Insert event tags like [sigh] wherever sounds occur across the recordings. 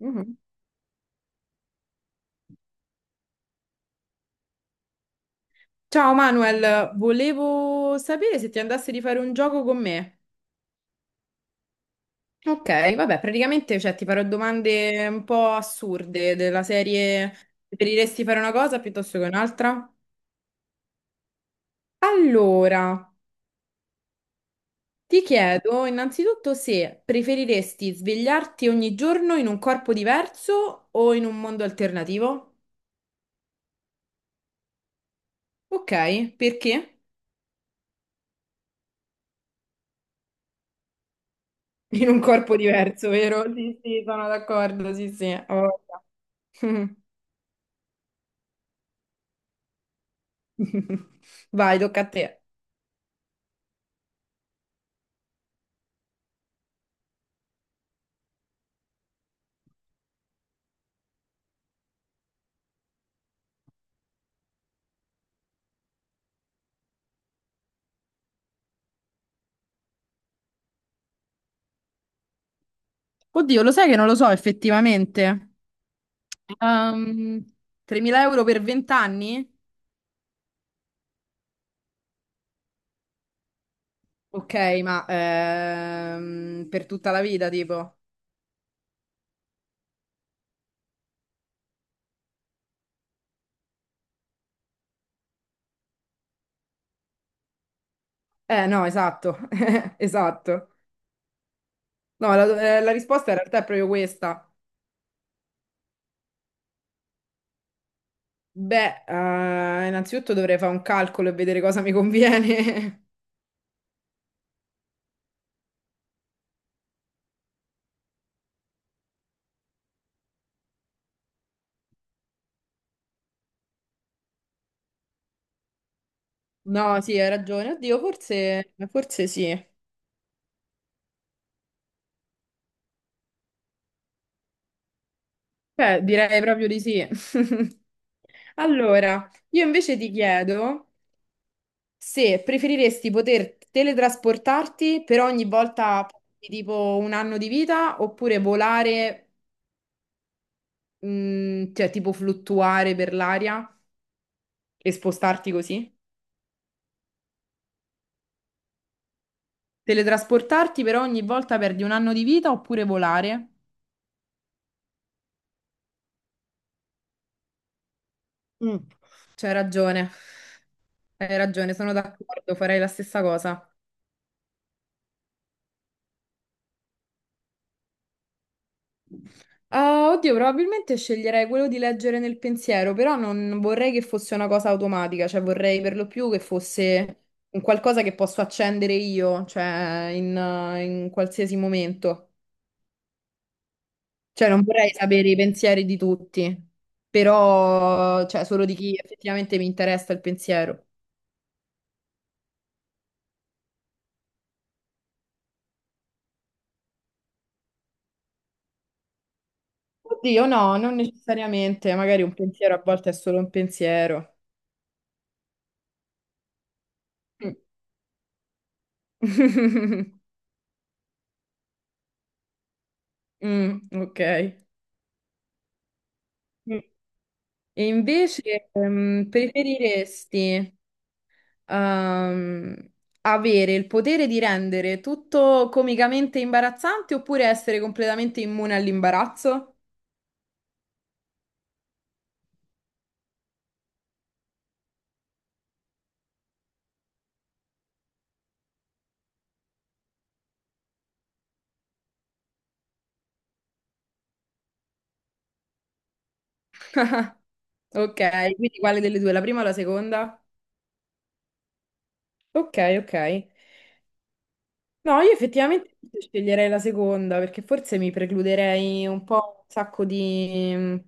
Mhm. Ciao Manuel, volevo sapere se ti andasse di fare un gioco con me. Ok, vabbè, praticamente cioè, ti farò domande un po' assurde della serie preferiresti fare una cosa piuttosto che un'altra? Allora, ti chiedo innanzitutto se preferiresti svegliarti ogni giorno in un corpo diverso o in un mondo alternativo? Ok, perché? [laughs] In un corpo diverso, vero? Sì, sì, sono d'accordo, sì, sì. Ho voglia. [laughs] Vai, tocca a te. Oddio, lo sai che non lo so effettivamente. Ehm, 3.000 euro per 20 anni? Ok, ma per tutta la vita, tipo. No, esatto, [laughs] esatto. No, la risposta in realtà è proprio questa. Beh, innanzitutto dovrei fare un calcolo e vedere cosa mi conviene. [laughs] No, sì, hai ragione. Oddio, forse, forse sì. Beh, direi proprio di sì. [laughs] Allora, io invece ti chiedo... Se preferiresti poter teletrasportarti per ogni volta di tipo un anno di vita oppure volare, cioè tipo fluttuare per l'aria e spostarti così? Teletrasportarti per ogni volta perdi un anno di vita oppure volare? Mm. C'hai ragione, hai ragione, sono d'accordo, farei la stessa cosa. Ah, oddio, probabilmente sceglierei quello di leggere nel pensiero, però non vorrei che fosse una cosa automatica, cioè vorrei per lo più che fosse un qualcosa che posso accendere io, cioè in qualsiasi momento. Cioè non vorrei sapere i pensieri di tutti, però cioè, solo di chi effettivamente mi interessa il pensiero. Oddio, no, non necessariamente, magari un pensiero a volte è solo un pensiero. Mm. [laughs] Mm, ok. Mm. E invece, preferiresti, ehm, avere il potere di rendere tutto comicamente imbarazzante oppure essere completamente immune all'imbarazzo? Ok, quindi quale delle due? La prima o la seconda? Ok, ok. No, io effettivamente forse sceglierei la seconda perché forse mi precluderei un po' un sacco di,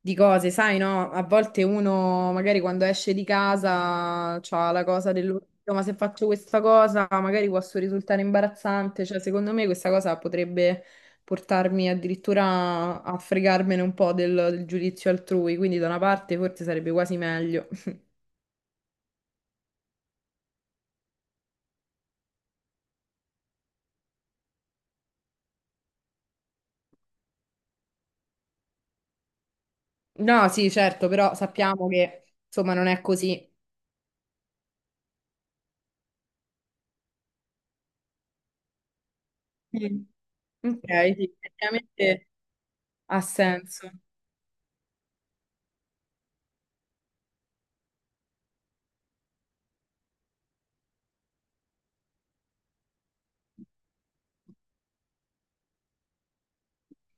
di cose, sai, no? A volte uno magari quando esce di casa c'ha la cosa dell'orecchio, ma se faccio questa cosa magari posso risultare imbarazzante, cioè secondo me questa cosa potrebbe portarmi addirittura a fregarmene un po' del giudizio altrui, quindi da una parte forse sarebbe quasi meglio. No, sì, certo, però sappiamo che insomma non è così. Mm. Ok, sì, effettivamente ha senso.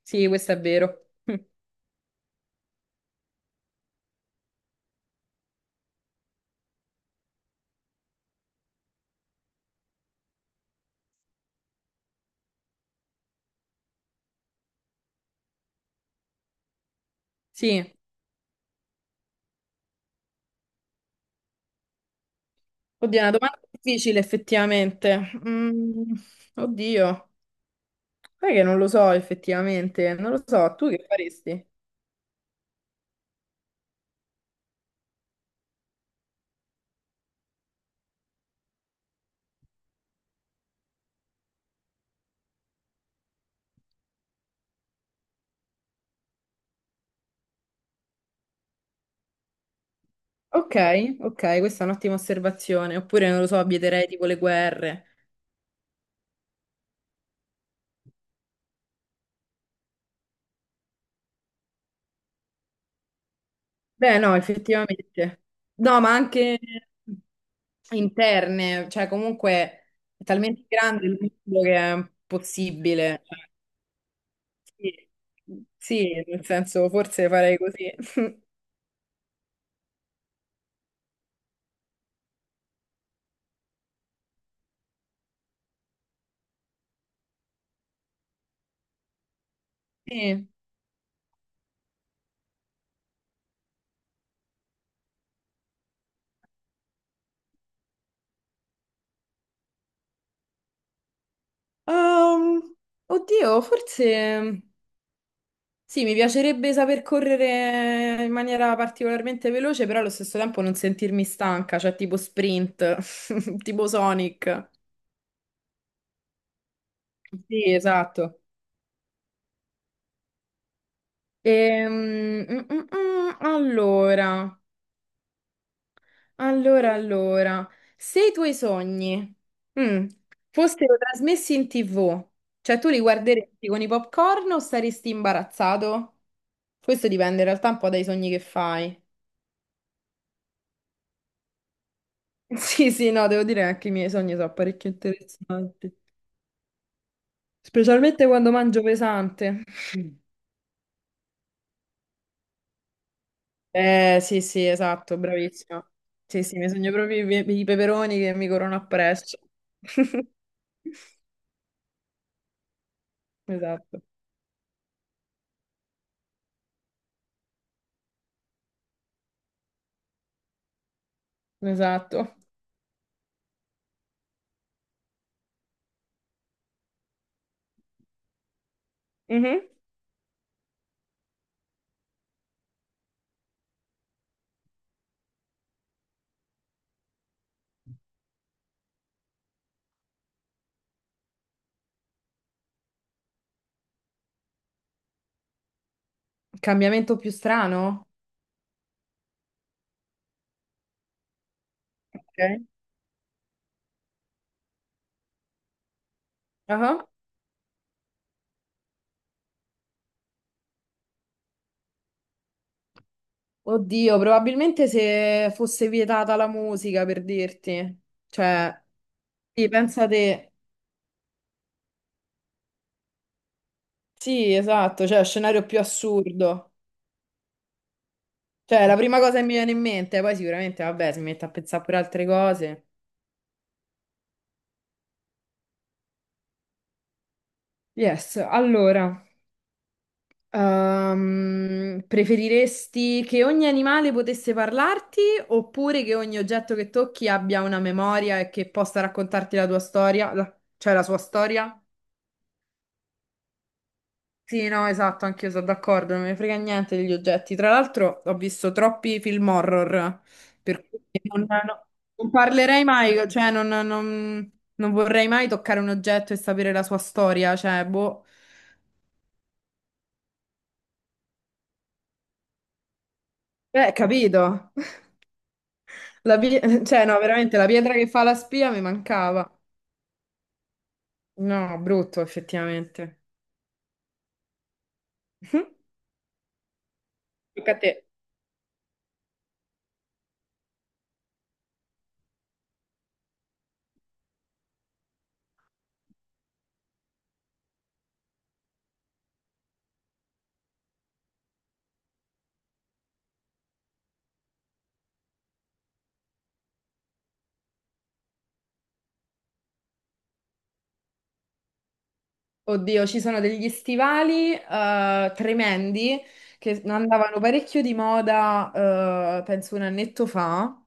Sì, questo è vero. [laughs] Sì. Oddio, è una domanda difficile effettivamente. Oddio, sai che non lo so effettivamente, non lo so, tu che faresti? Ok, ok, questa è un'ottima osservazione, oppure non lo so, vieterei tipo le guerre. Beh, no, effettivamente. No, ma anche interne, cioè comunque è talmente grande il mondo che è possibile. Cioè, sì, sì, nel senso forse farei così. [laughs] Sì. Ehm, oddio, forse sì, mi piacerebbe saper correre in maniera particolarmente veloce, però allo stesso tempo non sentirmi stanca, cioè tipo sprint, [laughs] tipo Sonic. Sì, esatto. Ehm, mm, mm, mm, allora, allora, se i tuoi sogni mm, fossero trasmessi in TV, cioè tu li guarderesti con i popcorn o saresti imbarazzato? Questo dipende in realtà un po' dai sogni che fai. Sì, sì, no, devo dire che anche i miei sogni sono parecchio interessanti. Specialmente quando mangio pesante. Sì, sì, esatto, bravissima. Sì, sì, mi sogno proprio i peperoni che mi corrono appresso. [laughs] Esatto, esatto. Mhm. Cambiamento più strano? Ok. Ah. Oddio, probabilmente se fosse vietata la musica, per dirti. Cioè, sì, pensa te. Sì, esatto, cioè, scenario più assurdo. Cioè, è la prima cosa che mi viene in mente, poi sicuramente, vabbè, si mette a pensare pure altre cose. Yes, allora, preferiresti che ogni animale potesse parlarti oppure che ogni oggetto che tocchi abbia una memoria e che possa raccontarti la tua storia, cioè la sua storia? Sì, no, esatto, anch'io sono d'accordo, non mi frega niente degli oggetti. Tra l'altro ho visto troppi film horror, per cui non parlerei mai, cioè non vorrei mai toccare un oggetto e sapere la sua storia, cioè, boh. Capito. [laughs] La pi- cioè, no, veramente, la pietra che fa la spia mi mancava. No, brutto, effettivamente. [laughs] Tocca a te. Oddio, ci sono degli stivali tremendi che andavano parecchio di moda, penso un annetto fa.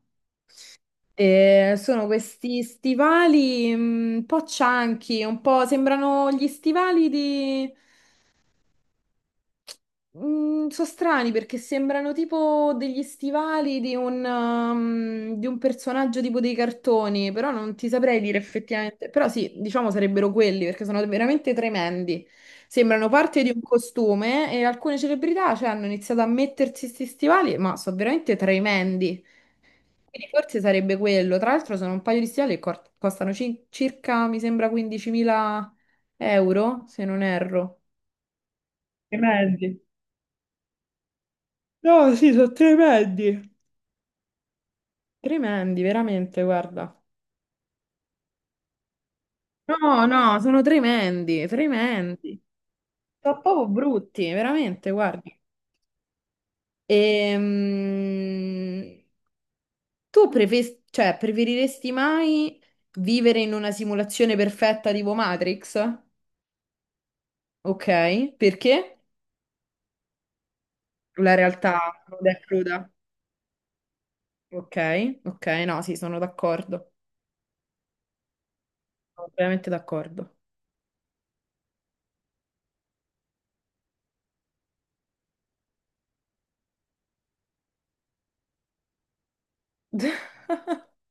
E sono questi stivali un po' cianchi, un po' sembrano gli stivali di, mm, sono strani perché sembrano tipo degli stivali di un personaggio tipo dei cartoni, però non ti saprei dire effettivamente. Però sì, diciamo sarebbero quelli perché sono veramente tremendi. Sembrano parte di un costume e alcune celebrità, cioè, hanno iniziato a mettersi questi stivali, ma sono veramente tremendi. Quindi forse sarebbe quello. Tra l'altro sono un paio di stivali che costano circa, mi sembra, 15.000 euro, se non erro. Tremendi. No, sì, sono tremendi. Tremendi, veramente, guarda. No, no, sono tremendi, tremendi. Sono proprio brutti, veramente, guarda. Ehm, tu cioè, preferiresti mai vivere in una simulazione perfetta tipo Matrix? Ok, perché? La realtà nuda e cruda. Ok, ok, no, sì, sono d'accordo. Sono veramente d'accordo. [laughs]